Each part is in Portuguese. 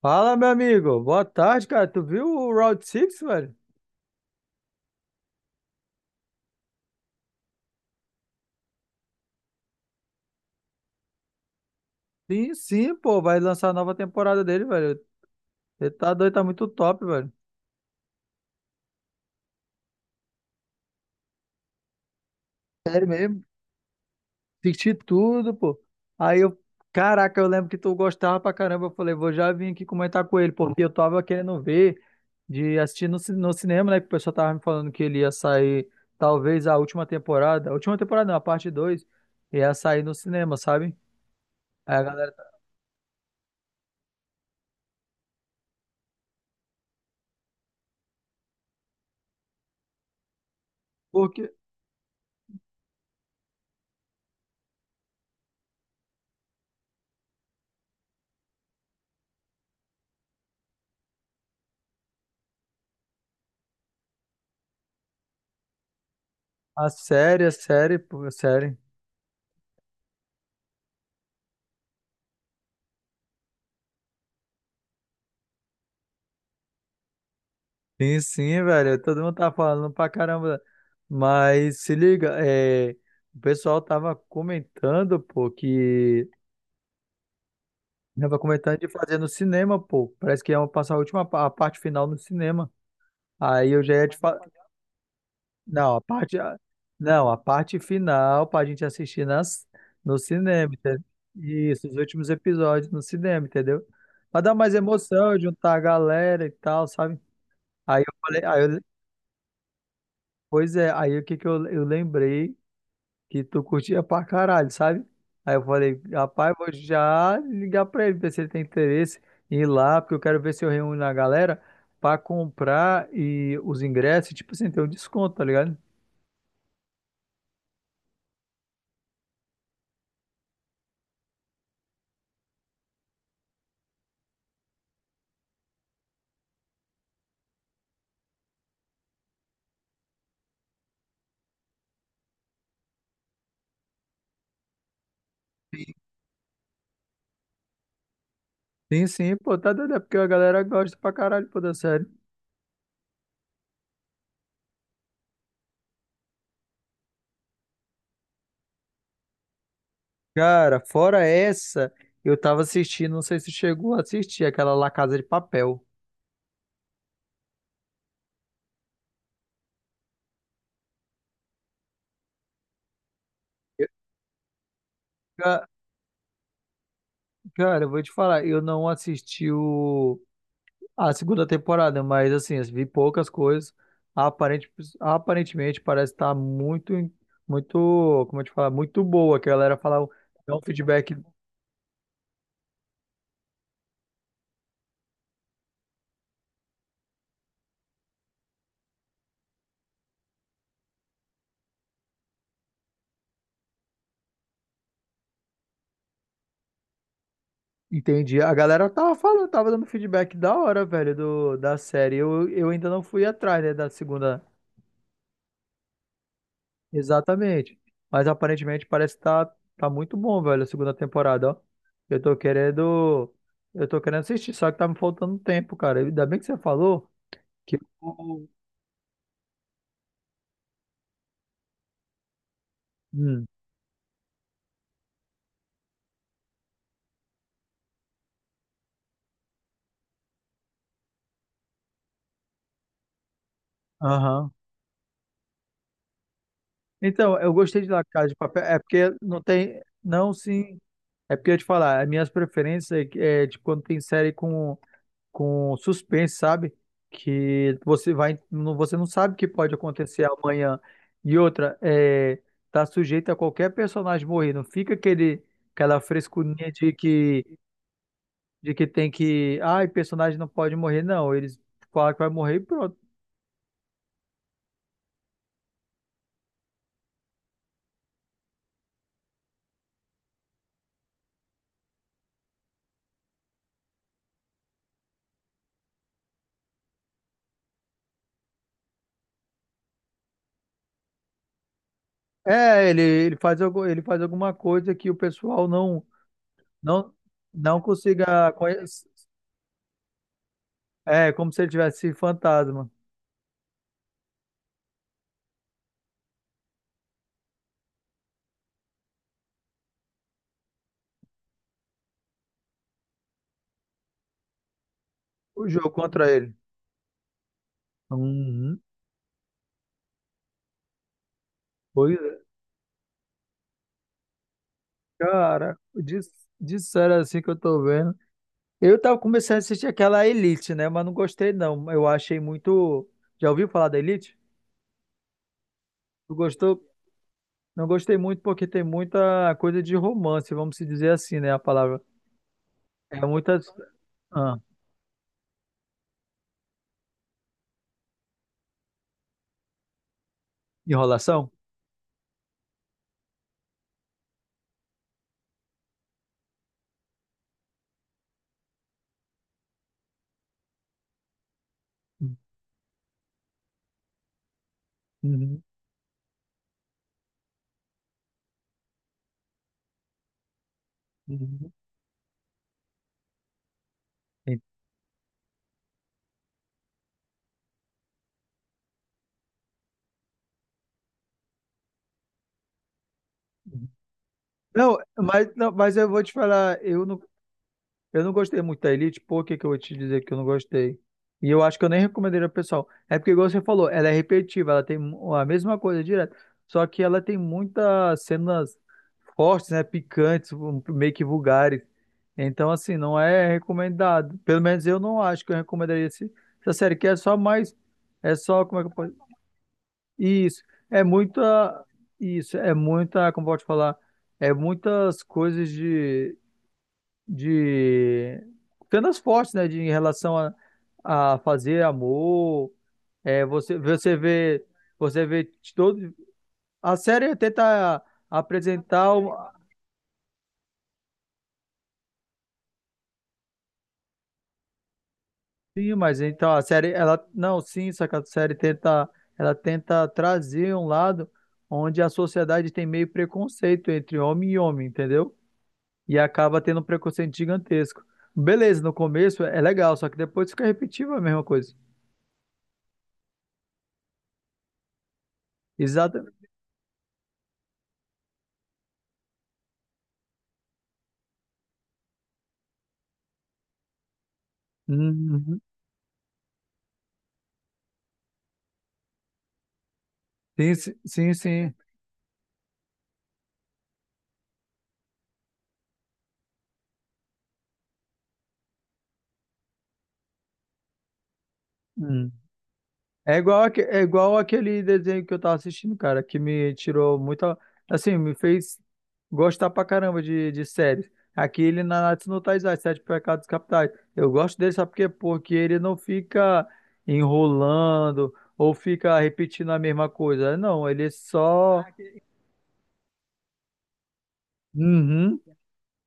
Fala, meu amigo. Boa tarde, cara. Tu viu o Round Six, velho? Sim, sim, pô. Vai lançar a nova temporada dele, velho. Ele tá doido, tá muito top, velho. Sério mesmo. Assisti tudo, pô. Aí eu. Caraca, eu lembro que tu gostava pra caramba. Eu falei, vou já vir aqui comentar com ele, porque eu tava querendo ver de assistir no cinema, né? Que o pessoal tava me falando que ele ia sair, talvez, a última temporada. A última temporada não, a parte 2, ia sair no cinema, sabe? Aí a galera tá. Porque a série. Sim, sim, velho. Todo mundo tá falando pra caramba. Mas se liga, o pessoal tava comentando, pô, que. Tava comentando de fazer no cinema, pô. Parece que iam passar a parte final no cinema. Aí eu já ia te falar. Não, a parte. a- Não, a parte final pra gente assistir no cinema, entendeu? Isso, os últimos episódios no cinema, entendeu? Pra dar mais emoção, juntar a galera e tal, sabe? Aí eu falei, aí eu- Pois é, aí o que que eu lembrei que tu curtia pra caralho, sabe? Aí eu falei, rapaz, vou já ligar pra ele, ver se ele tem interesse em ir lá, porque eu quero ver se eu reúno a galera pra comprar e os ingressos, tipo assim, ter um desconto, tá ligado? Sim, sim, pô, tá doido, é porque a galera gosta pra caralho, pô, da série. Cara, fora essa, eu tava assistindo, não sei se chegou a assistir, aquela La Casa de Papel. Eu- Ca- Cara, eu vou te falar, eu não assisti o. A segunda temporada, mas assim, eu vi poucas coisas. Aparente, aparentemente parece estar muito, muito, como eu te falar, muito boa. Que a galera fala, dá um feedback, entendi. A galera tava falando, tava dando feedback da hora, velho, da série. Eu ainda não fui atrás, né, da segunda. Exatamente. Mas aparentemente parece tá muito bom, velho, a segunda temporada, ó. Eu tô querendo, eu tô querendo assistir, só que tá me faltando tempo, cara. Ainda bem que você falou que eu- Hum. Aham. Então, eu gostei de La Casa de Papel. É porque não tem. Não, sim. É porque eu ia te falar, as minhas preferências é de quando tem série com suspense, sabe? Que você vai. Não- Você não sabe o que pode acontecer amanhã. E outra, tá sujeito a qualquer personagem morrer. Não fica aquele, aquela frescurinha de que, tem que. Ai, personagem não pode morrer. Não, eles falam que vai morrer e pronto. É, ele faz alguma coisa que o pessoal não. Não, não consiga conhecer. É, como se ele tivesse fantasma. O jogo contra ele. Uhum. Pois é. Cara, disseram assim que eu tô vendo. Eu tava começando a assistir aquela Elite, né? Mas não gostei, não. Eu achei muito. Já ouviu falar da Elite? Tu gostou? Não gostei muito porque tem muita coisa de romance, vamos se dizer assim, né? A palavra. É muita. Ah, enrolação? Uhum, uhum. Uhum. Não, mas eu vou te falar, eu não. Eu não gostei muito da Elite, por que que eu vou te dizer que eu não gostei? E eu acho que eu nem recomendaria pro pessoal. É porque, igual você falou, ela é repetitiva, ela tem a mesma coisa direto. Só que ela tem muitas cenas fortes, né? Picantes, meio que vulgares. Então, assim, não é recomendado. Pelo menos eu não acho que eu recomendaria essa série, que é só mais. É só, como é que eu posso. Isso. É muita. Isso. É muita. Como pode falar? É muitas coisas de cenas fortes, né, de, em relação a fazer amor, você vê, de todo, a série tenta apresentar, sim, mas então a série, ela, não, sim, só que a série tenta, ela tenta trazer um lado onde a sociedade tem meio preconceito entre homem e homem, entendeu? E acaba tendo um preconceito gigantesco. Beleza, no começo é legal, só que depois fica repetitivo a mesma coisa. Exatamente. Sim, sim, sim. Hum. É igual, aquele desenho que eu tava assistindo, cara, que me tirou muita. Assim, me fez gostar pra caramba de séries. Aquele Nanatsu no Taizai, Sete Pecados Capitais. Eu gosto dele, sabe por quê? Porque ele não fica enrolando ou fica repetindo a mesma coisa. Não, ele é só. Uhum,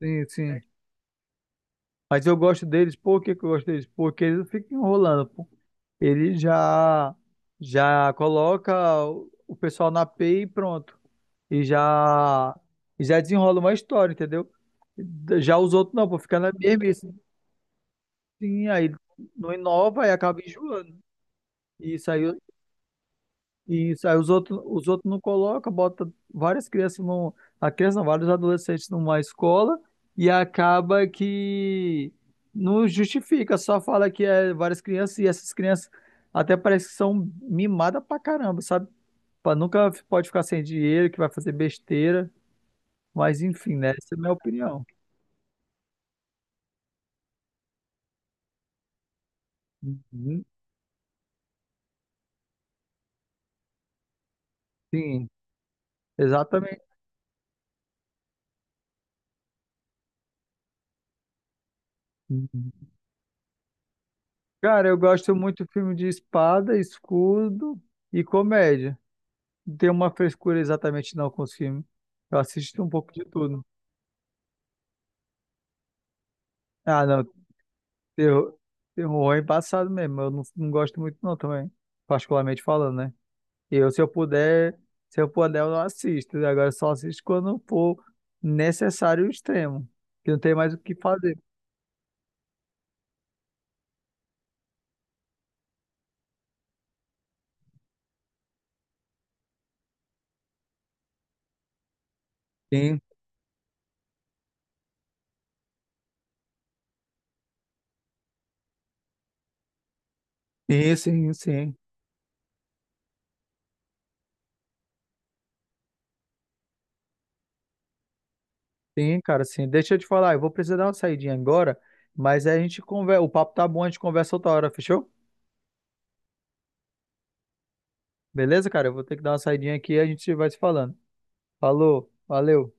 sim, sim. Mas eu gosto deles, por que que eu gosto deles? Porque eles não ficam enrolando. Ele já coloca o pessoal na API e pronto. E já e já desenrola uma história, entendeu? Já os outros não, vou ficar na mesmice. Sim, aí não inova e acaba enjoando. E isso aí, e isso aí os outros não colocam, bota várias crianças num, a criança, não, vários adolescentes numa escola e acaba que não justifica, só fala que é várias crianças e essas crianças até parece que são mimadas pra caramba, sabe? Pá, nunca pode ficar sem dinheiro, que vai fazer besteira, mas enfim, né? Essa é a minha opinião. Uhum. Sim, exatamente. Uhum. Cara, eu gosto muito de filme de espada, escudo e comédia. Não tenho uma frescura exatamente não com os filmes. Eu assisto um pouco de tudo. Ah, não, terror, terror é embaçado mesmo. Eu não gosto muito não também, particularmente falando, né? Eu, se eu puder, eu não assisto. Agora eu só assisto quando for necessário o extremo, que não tem mais o que fazer. Sim, sim, sim, sim, sim, cara, sim. Deixa eu te falar, eu vou precisar dar uma saidinha agora, mas aí a gente conversa, o papo tá bom, a gente conversa outra hora, fechou? Beleza, cara? Eu vou ter que dar uma saidinha aqui e a gente vai se falando. Falou, valeu.